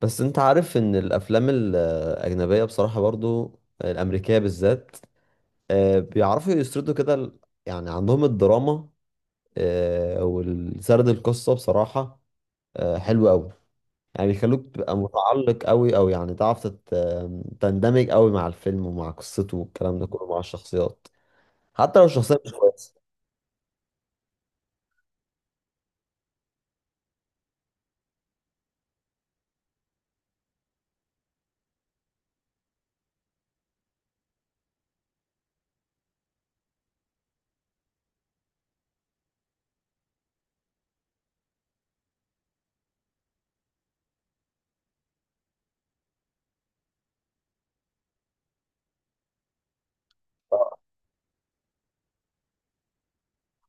بس انت عارف ان الافلام الاجنبيه بصراحه برضو الامريكيه بالذات، آه، بيعرفوا يسردوا كده يعني عندهم الدراما، آه، والسرد القصه بصراحه، آه، حلو قوي. يعني بيخلوك تبقى متعلق قوي او يعني تعرف تندمج قوي مع الفيلم ومع قصته والكلام ده كله مع الشخصيات، حتى لو الشخصيه مش كويسه.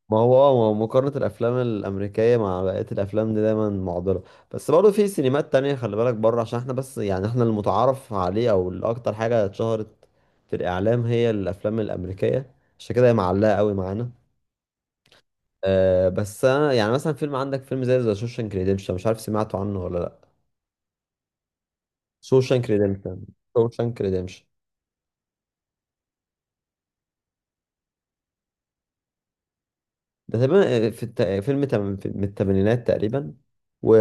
ما هو مقارنة الأفلام الأمريكية مع بقية الأفلام دي دايما معضلة. بس برضه في سينمات تانية، خلي بالك بره، عشان احنا بس يعني احنا المتعارف عليه أو الأكتر حاجة اتشهرت في الإعلام هي الأفلام الأمريكية، عشان كده هي معلقة قوي معانا. أه بس أنا يعني مثلا فيلم، عندك فيلم زي ذا شوشانك ريديمشن، مش عارف سمعته عنه ولا لأ؟ شوشانك ريديمشن. شوشانك ريديمشن. ده تقريبا في الت- فيلم تم- في- من الثمانينات تقريبا، و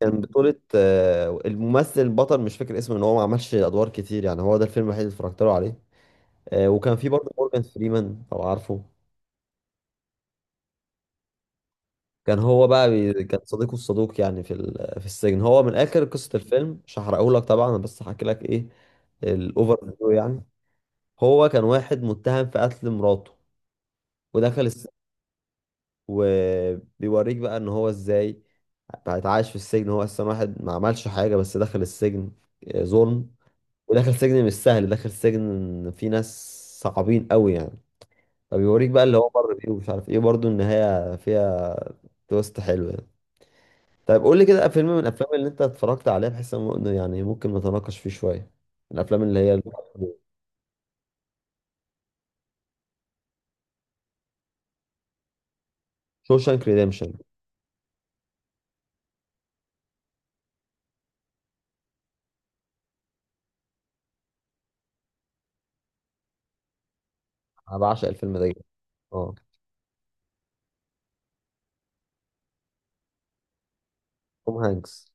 كان بطولة الممثل البطل مش فاكر اسمه، ان هو ما عملش ادوار كتير، يعني هو ده الفيلم الوحيد اللي اتفرجت له عليه. وكان في برضه مورجان فريمان لو عارفه. كان هو بقى كان صديقه الصدوق يعني في السجن. هو من اخر قصة الفيلم مش هحرقهولك طبعا، انا بس هحكي لك ايه الاوفر فيو يعني. هو كان واحد متهم في قتل مراته ودخل السجن. وبيوريك بقى ان هو ازاي بقى اتعايش في السجن، هو اصلا واحد ما عملش حاجة بس دخل السجن، آه، ظلم. وداخل سجن مش سهل، داخل سجن فيه ناس صعبين قوي يعني. فبيوريك بقى اللي هو مر بيه، ومش عارف ايه برضه النهاية فيها تويست حلو يعني. طيب قول لي كده فيلم من الافلام اللي انت اتفرجت عليها، بحيث إنه يعني ممكن نتناقش فيه شوية، الافلام اللي هي. شوشانك ريديمشن. انا بعشق الفيلم ده جدا. اه، توم هانكس.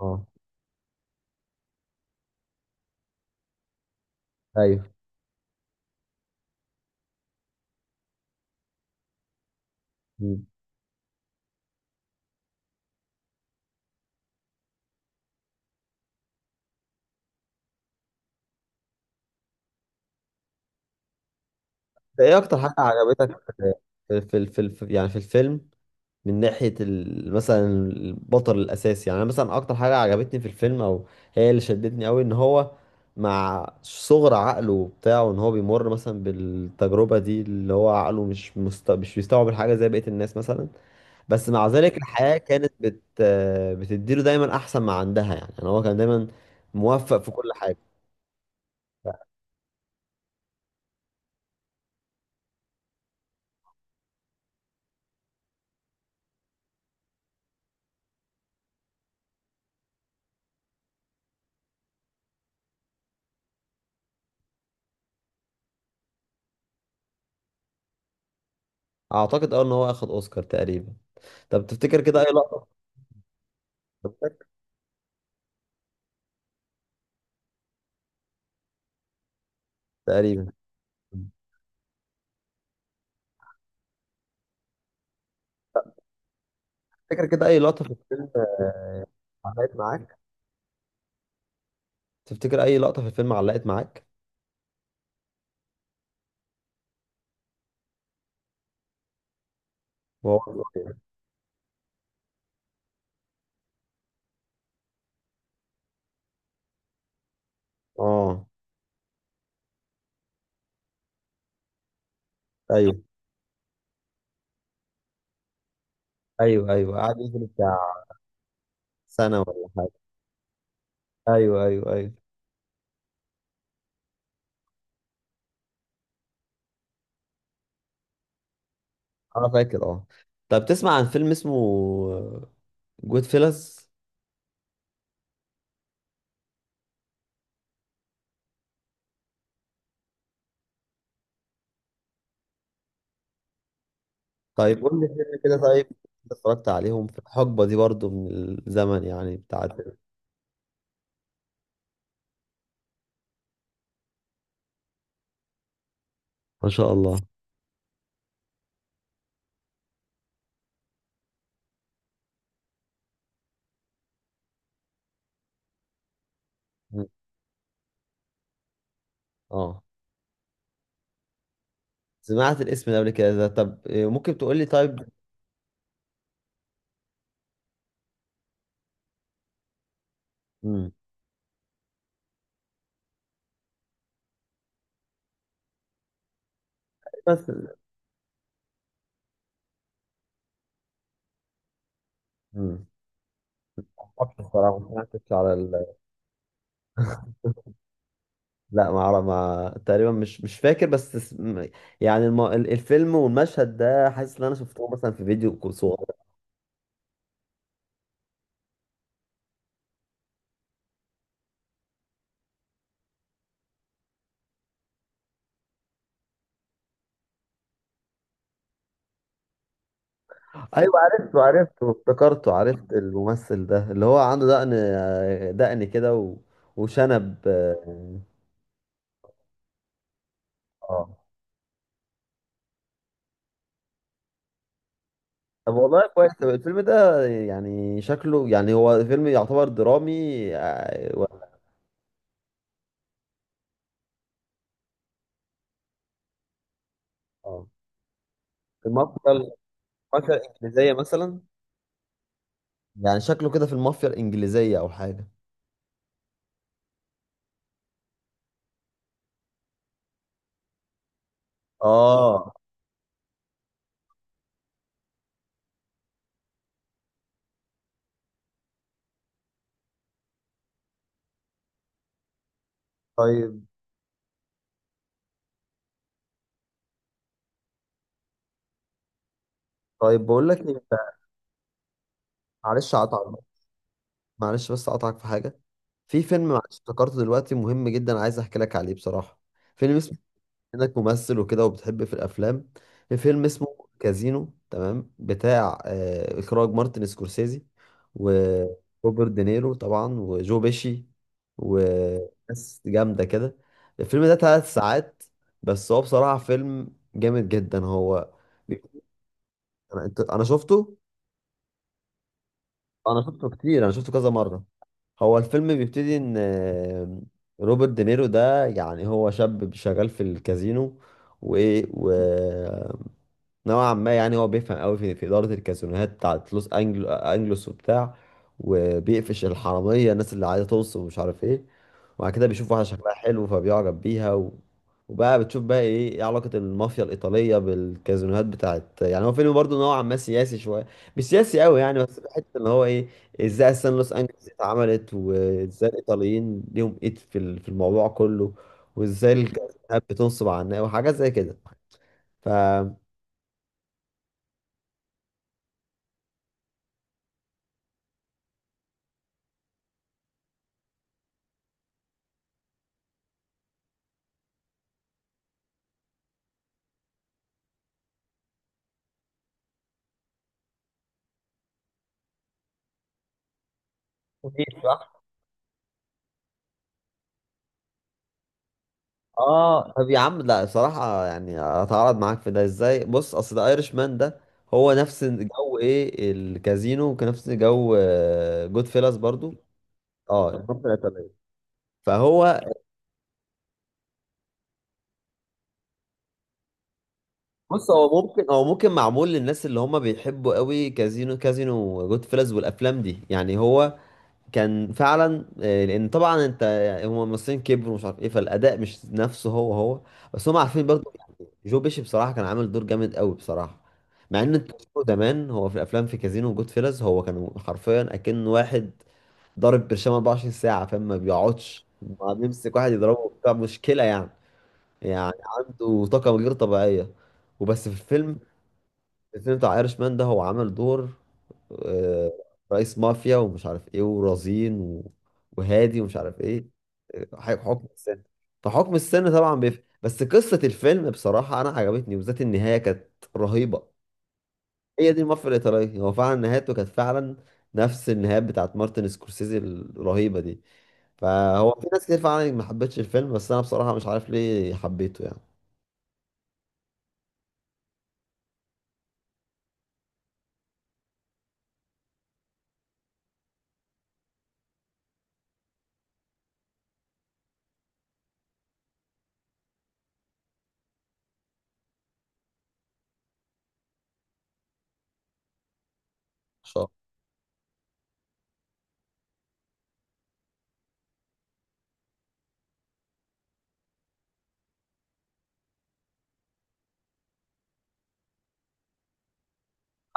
اه. ايوه. مم. ده ايه اكتر حاجة عجبتك في يعني في الفيلم، من ناحية مثلا البطل الأساسي؟ يعني أنا مثلا أكتر حاجة عجبتني في الفيلم، أو هي اللي شدتني أوي، إن هو مع صغر عقله بتاعه، إن هو بيمر مثلا بالتجربة دي اللي هو عقله مش بيستوعب الحاجة زي بقية الناس مثلا، بس مع ذلك الحياة كانت بتديله دايما أحسن ما عندها. يعني يعني هو كان دايما موفق في كل حاجة. أعتقد أه إن هو أخد أوسكار تقريبا. طب تفتكر كده أي لقطة؟ تقريبا. تفتكر كده أي لقطة في الفيلم آه، علقت معاك؟ تفتكر اي لقطه في الفيلم علقت معاك؟ وهو صغير؟ اه. ايوه ايوه ايوه. قعد يجري بتاع سنه ولا حاجه. ايوه ايوه ايوه. انا فاكر اه. طب تسمع عن فيلم اسمه جود فيلز؟ طيب قول لي فيلم كده، طيب أنت اتفرجت عليهم في الحقبه دي برضو من الزمن يعني بتاعت. ما شاء الله. مم. اه، سمعت الاسم ده قبل كده. ده طب إيه، ممكن تقول لي طيب. مم. بس. مم. معرفش الصراحه، ما سمعتش على. لا، ما اعرف، ما تقريبا مش فاكر، بس يعني الفيلم والمشهد ده حاسس ان انا شفته مثلا في فيديو صغير. ايوه، عرفته عرفته، افتكرته، عرفت الممثل ده اللي هو عنده دقن، دقن كده وشنب، اه. آه. طب والله كويس، طب الفيلم ده يعني شكله، يعني هو فيلم يعتبر درامي آه، آه. المافيا. المافيا الانجليزيه مثلا؟ يعني شكله كده في المافيا الانجليزيه او حاجه. اه. طيب. طيب بقول لك إيه، معلش اقطعك، معلش بس اقطعك في حاجه. في فيلم معلش افتكرته دلوقتي مهم جدا، عايز احكي لك عليه بصراحه. فيلم اسمه، انك ممثل وكده وبتحب في الافلام، في فيلم اسمه كازينو، تمام؟ بتاع آه اخراج مارتن سكورسيزي، وروبرت دينيرو طبعا، وجو بيشي، وناس جامده كده. الفيلم ده 3 ساعات، بس هو بصراحه فيلم جامد جدا. هو انا أنا شفته. انا شفته كتير، انا شفته كذا مره. هو الفيلم بيبتدي ان، آه، روبرت دينيرو ده، يعني هو شاب شغال في الكازينو و... و... نوعا ما، يعني هو بيفهم قوي في إدارة الكازينوهات بتاعت لوس أنجل أنجلوس وبتاع، وبيقفش الحرامية الناس اللي عايزة توصل ومش عارف إيه. وبعد كده بيشوف واحدة شكلها حلو فبيعجب بيها وبقى بتشوف بقى إيه إيه علاقة المافيا الإيطالية بالكازينوهات بتاعت. يعني هو فيلم برضه نوعا ما سياسي شوية، مش سياسي قوي يعني، بس في حتة إن هو إيه، إزاي أصلا لوس أنجلوس دي اتعملت، وإزاي الإيطاليين ليهم إيد في في الموضوع كله، وإزاي الكازينوهات بتنصب على الناس وحاجات زي كده. ف، اه. طب يا عم، لا صراحة يعني اتعرض معاك في ده ازاي؟ بص، اصل ده ايرش مان ده هو نفس جو ايه الكازينو، وكان نفس جو جود فيلاس برضو. اه، الحرب الإيطالية. فهو، بص هو ممكن، هو ممكن معمول للناس اللي هم بيحبوا قوي كازينو وجود فيلاس والافلام دي، يعني هو كان فعلا، آه، لان طبعا انت يعني هم الممثلين كبروا ومش عارف ايه، فالاداء مش نفسه. هو هو بس هم عارفين برضو. جو بيشي بصراحة كان عامل دور جامد قوي بصراحة، مع ان انت بتشوفه زمان هو في الافلام، في كازينو وجود فيلز، هو كان حرفيا اكن واحد ضارب برشام 24 ساعة، فاهم؟ ما بيقعدش، ما بيمسك واحد يضربه بتاع مشكلة يعني، يعني عنده طاقة غير طبيعية. وبس في الفيلم، الفيلم بتاع ايرش مان ده، هو عمل دور آه، رئيس مافيا ومش عارف ايه، ورزين وهادي ومش عارف ايه، آه، حكم السن. فحكم السن طبعا بيفرق، بس قصة الفيلم بصراحة انا عجبتني، وبالذات النهاية كانت رهيبة. هي دي المافيا الايطالية، هو فعلا نهايته كانت فعلا نفس النهايات بتاعت مارتن سكورسيزي الرهيبة دي. فهو في ناس كتير فعلا ما حبتش الفيلم، بس انا بصراحة مش عارف ليه حبيته. يعني ان شاء الله.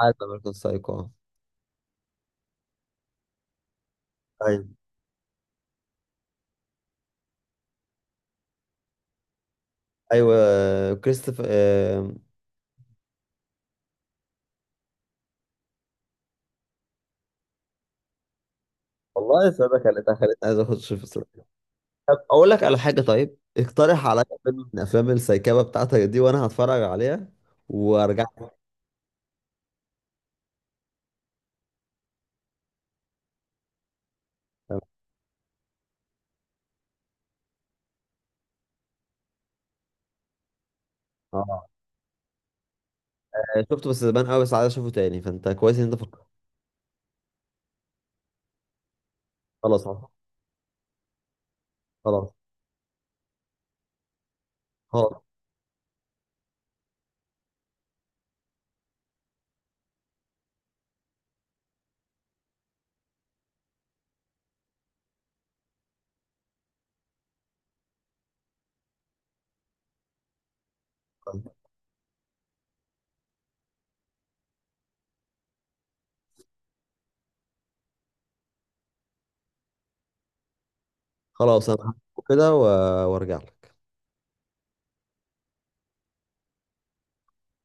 عارف امريكان سايكو. ايوه، ايوه كريستوفر. والله السعودية خلتها، خلتني عايز اخد شيف الصراحة. طب اقول لك على حاجة، طيب اقترح عليا فيلم من افلام السيكابة بتاعتك دي وانا هتفرج عليها وارجع لك. اه. يعني شفته بس زمان قوي، بس عايز اشوفه تاني، فانت كويس ان انت فكرت. خلاص. آه، خلاص. خلاص. خلاص انا هشوفه كده وارجع لك.